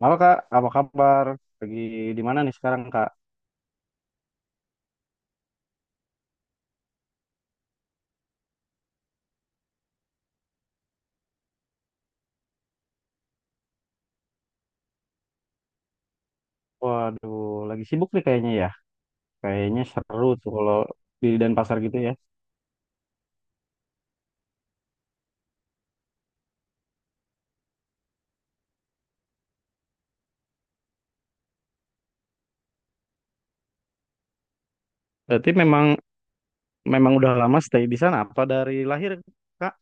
Halo Kak, apa kabar? Lagi di mana nih sekarang Kak? Waduh, lagi sibuk nih kayaknya ya. Kayaknya seru tuh kalau di Denpasar gitu ya. Berarti memang memang udah lama stay di sana apa dari lahir Kak?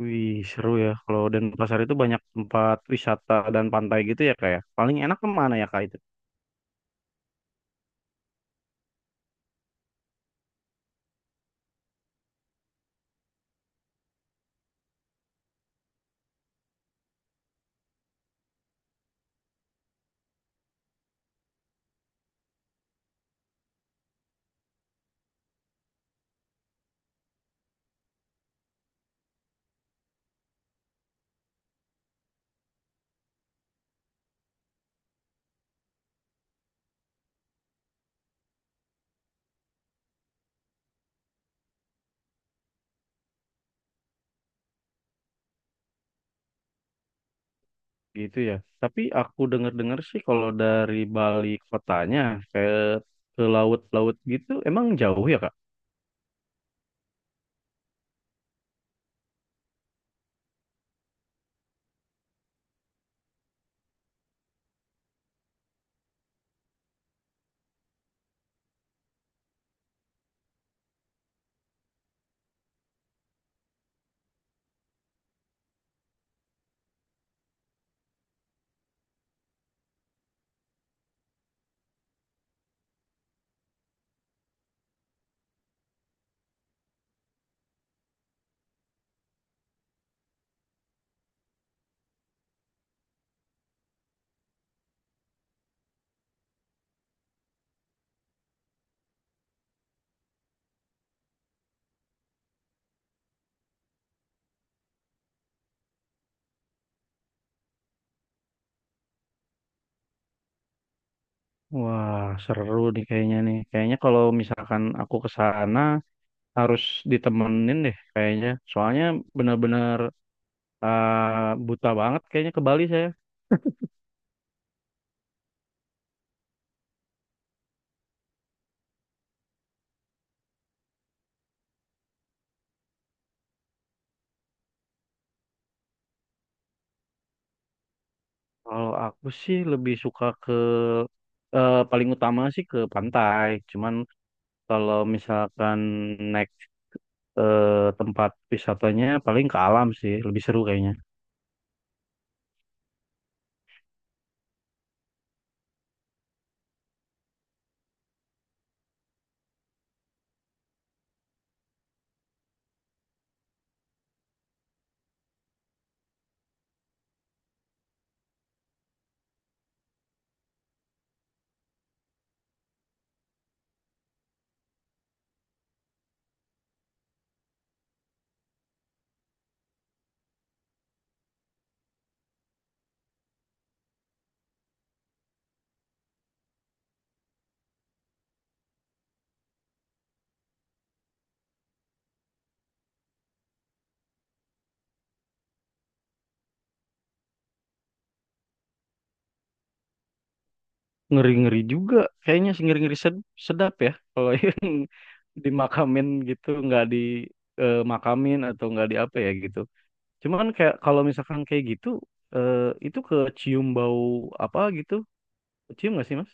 Wih, seru ya. Kalau Denpasar itu banyak tempat wisata dan pantai gitu ya Kak ya. Paling enak kemana ya Kak itu? Gitu ya. Tapi aku dengar-dengar sih kalau dari Bali kotanya kayak ke laut-laut gitu emang jauh ya Kak, ya? Wah, seru nih. Kayaknya kalau misalkan aku ke sana harus ditemenin deh kayaknya. Soalnya benar-benar buta banget kayaknya ke Bali saya. Kalau aku sih lebih suka ke paling utama sih ke pantai. Cuman kalau misalkan naik tempat wisatanya paling ke alam sih, lebih seru kayaknya. Ngeri-ngeri juga. Kayaknya sih ngeri-ngeri sedap ya. Kalau yang dimakamin gitu, nggak dimakamin atau nggak di apa ya gitu. Cuman kayak kalau misalkan kayak gitu, eh, itu kecium bau apa gitu. Kecium nggak sih Mas?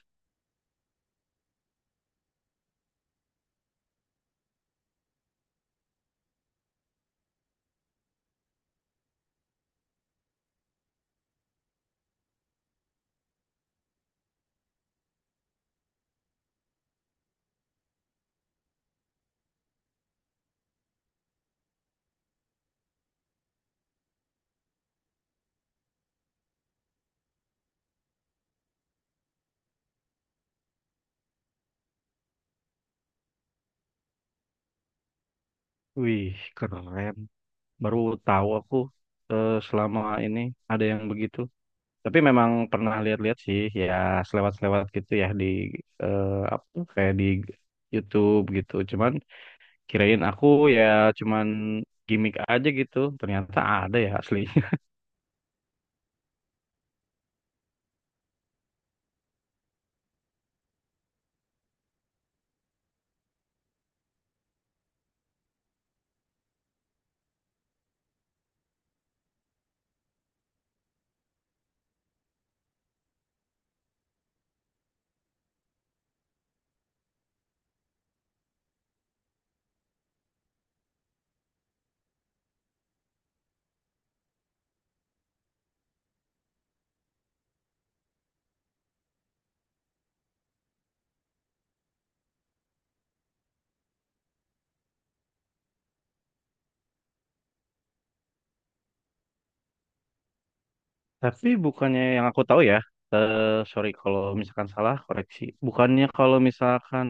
Wih, keren. Baru tahu aku selama ini ada yang begitu. Tapi memang pernah lihat-lihat sih, ya selewat-selewat gitu ya di eh, apa kayak di YouTube gitu. Cuman kirain aku ya cuman gimmick aja gitu. Ternyata ada ya asli. Tapi bukannya yang aku tahu ya. Eh, sorry kalau misalkan salah koreksi. Bukannya kalau misalkan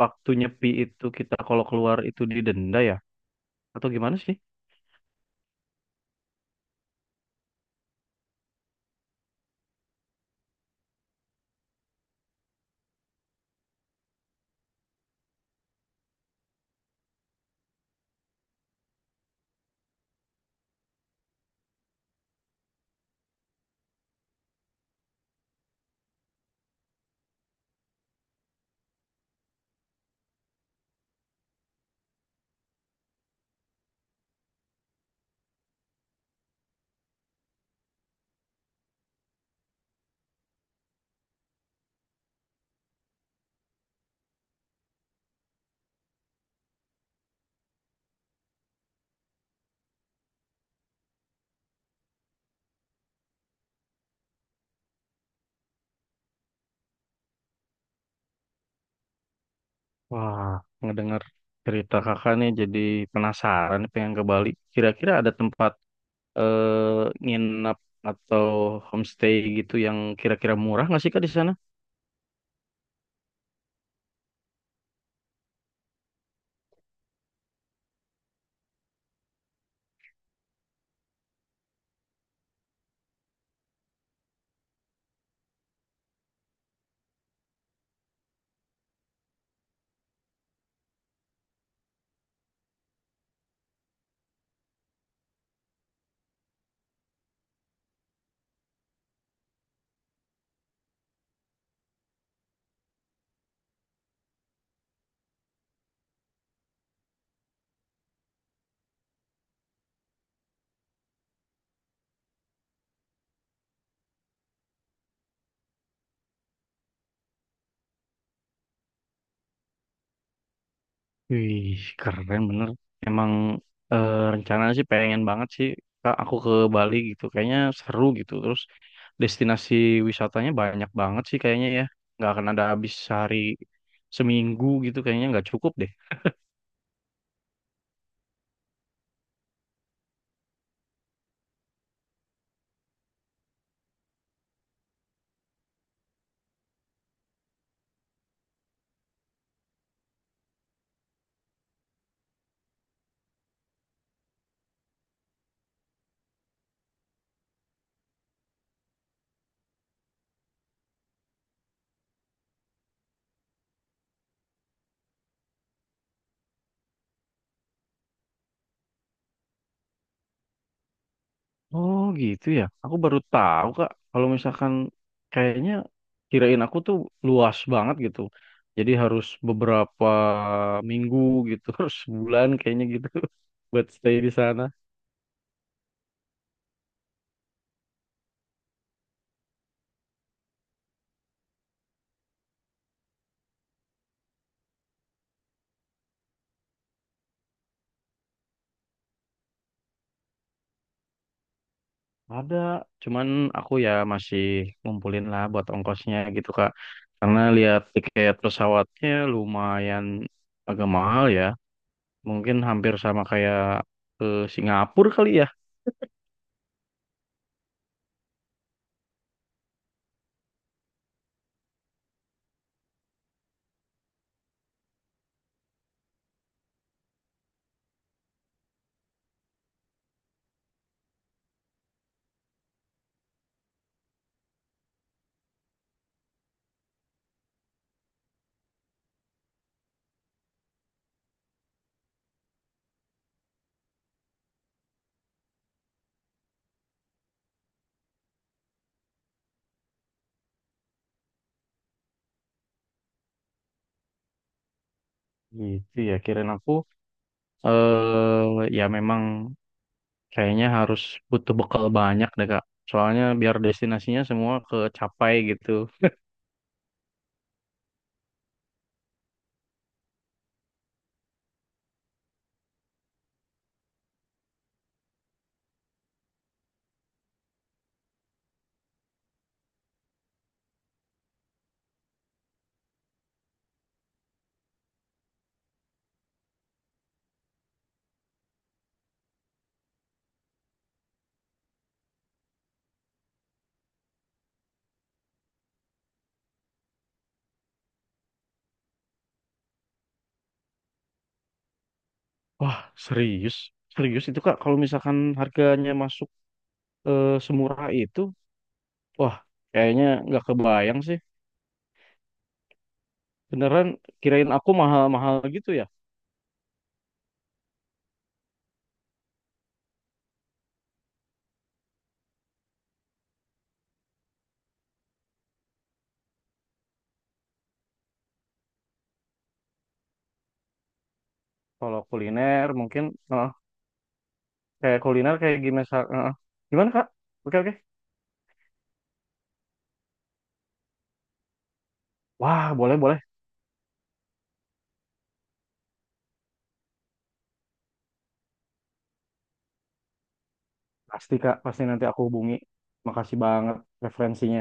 waktu nyepi itu kita kalau keluar itu didenda ya? Atau gimana sih? Wah, ngedengar cerita kakak nih jadi penasaran pengen ke Bali. Kira-kira ada tempat eh nginap atau homestay gitu yang kira-kira murah nggak sih kak di sana? Wih, keren bener. Emang rencananya sih pengen banget sih Kak, aku ke Bali gitu. Kayaknya seru gitu. Terus destinasi wisatanya banyak banget sih kayaknya ya. Nggak akan ada habis sehari seminggu gitu. Kayaknya nggak cukup deh. Oh gitu ya. Aku baru tahu Kak. Kalau misalkan kayaknya kirain aku tuh luas banget gitu. Jadi harus beberapa minggu gitu. Harus sebulan kayaknya gitu. Buat stay di sana. Ada, cuman aku ya masih ngumpulin lah buat ongkosnya gitu Kak. Karena lihat tiket pesawatnya lumayan agak mahal ya. Mungkin hampir sama kayak ke Singapura kali ya. Gitu ya, kirain aku ya memang kayaknya harus butuh bekal banyak deh Kak. Soalnya biar destinasinya semua kecapai gitu. Wah, serius? Serius itu Kak, kalau misalkan harganya masuk semurah itu. Wah, kayaknya nggak kebayang sih. Beneran kirain aku mahal-mahal gitu ya. Kalau kuliner mungkin eh, kayak kuliner kayak gimana? eh, Gimana Kak? Oke oke. Wah, boleh boleh. Pasti Kak, pasti nanti aku hubungi. Makasih banget referensinya.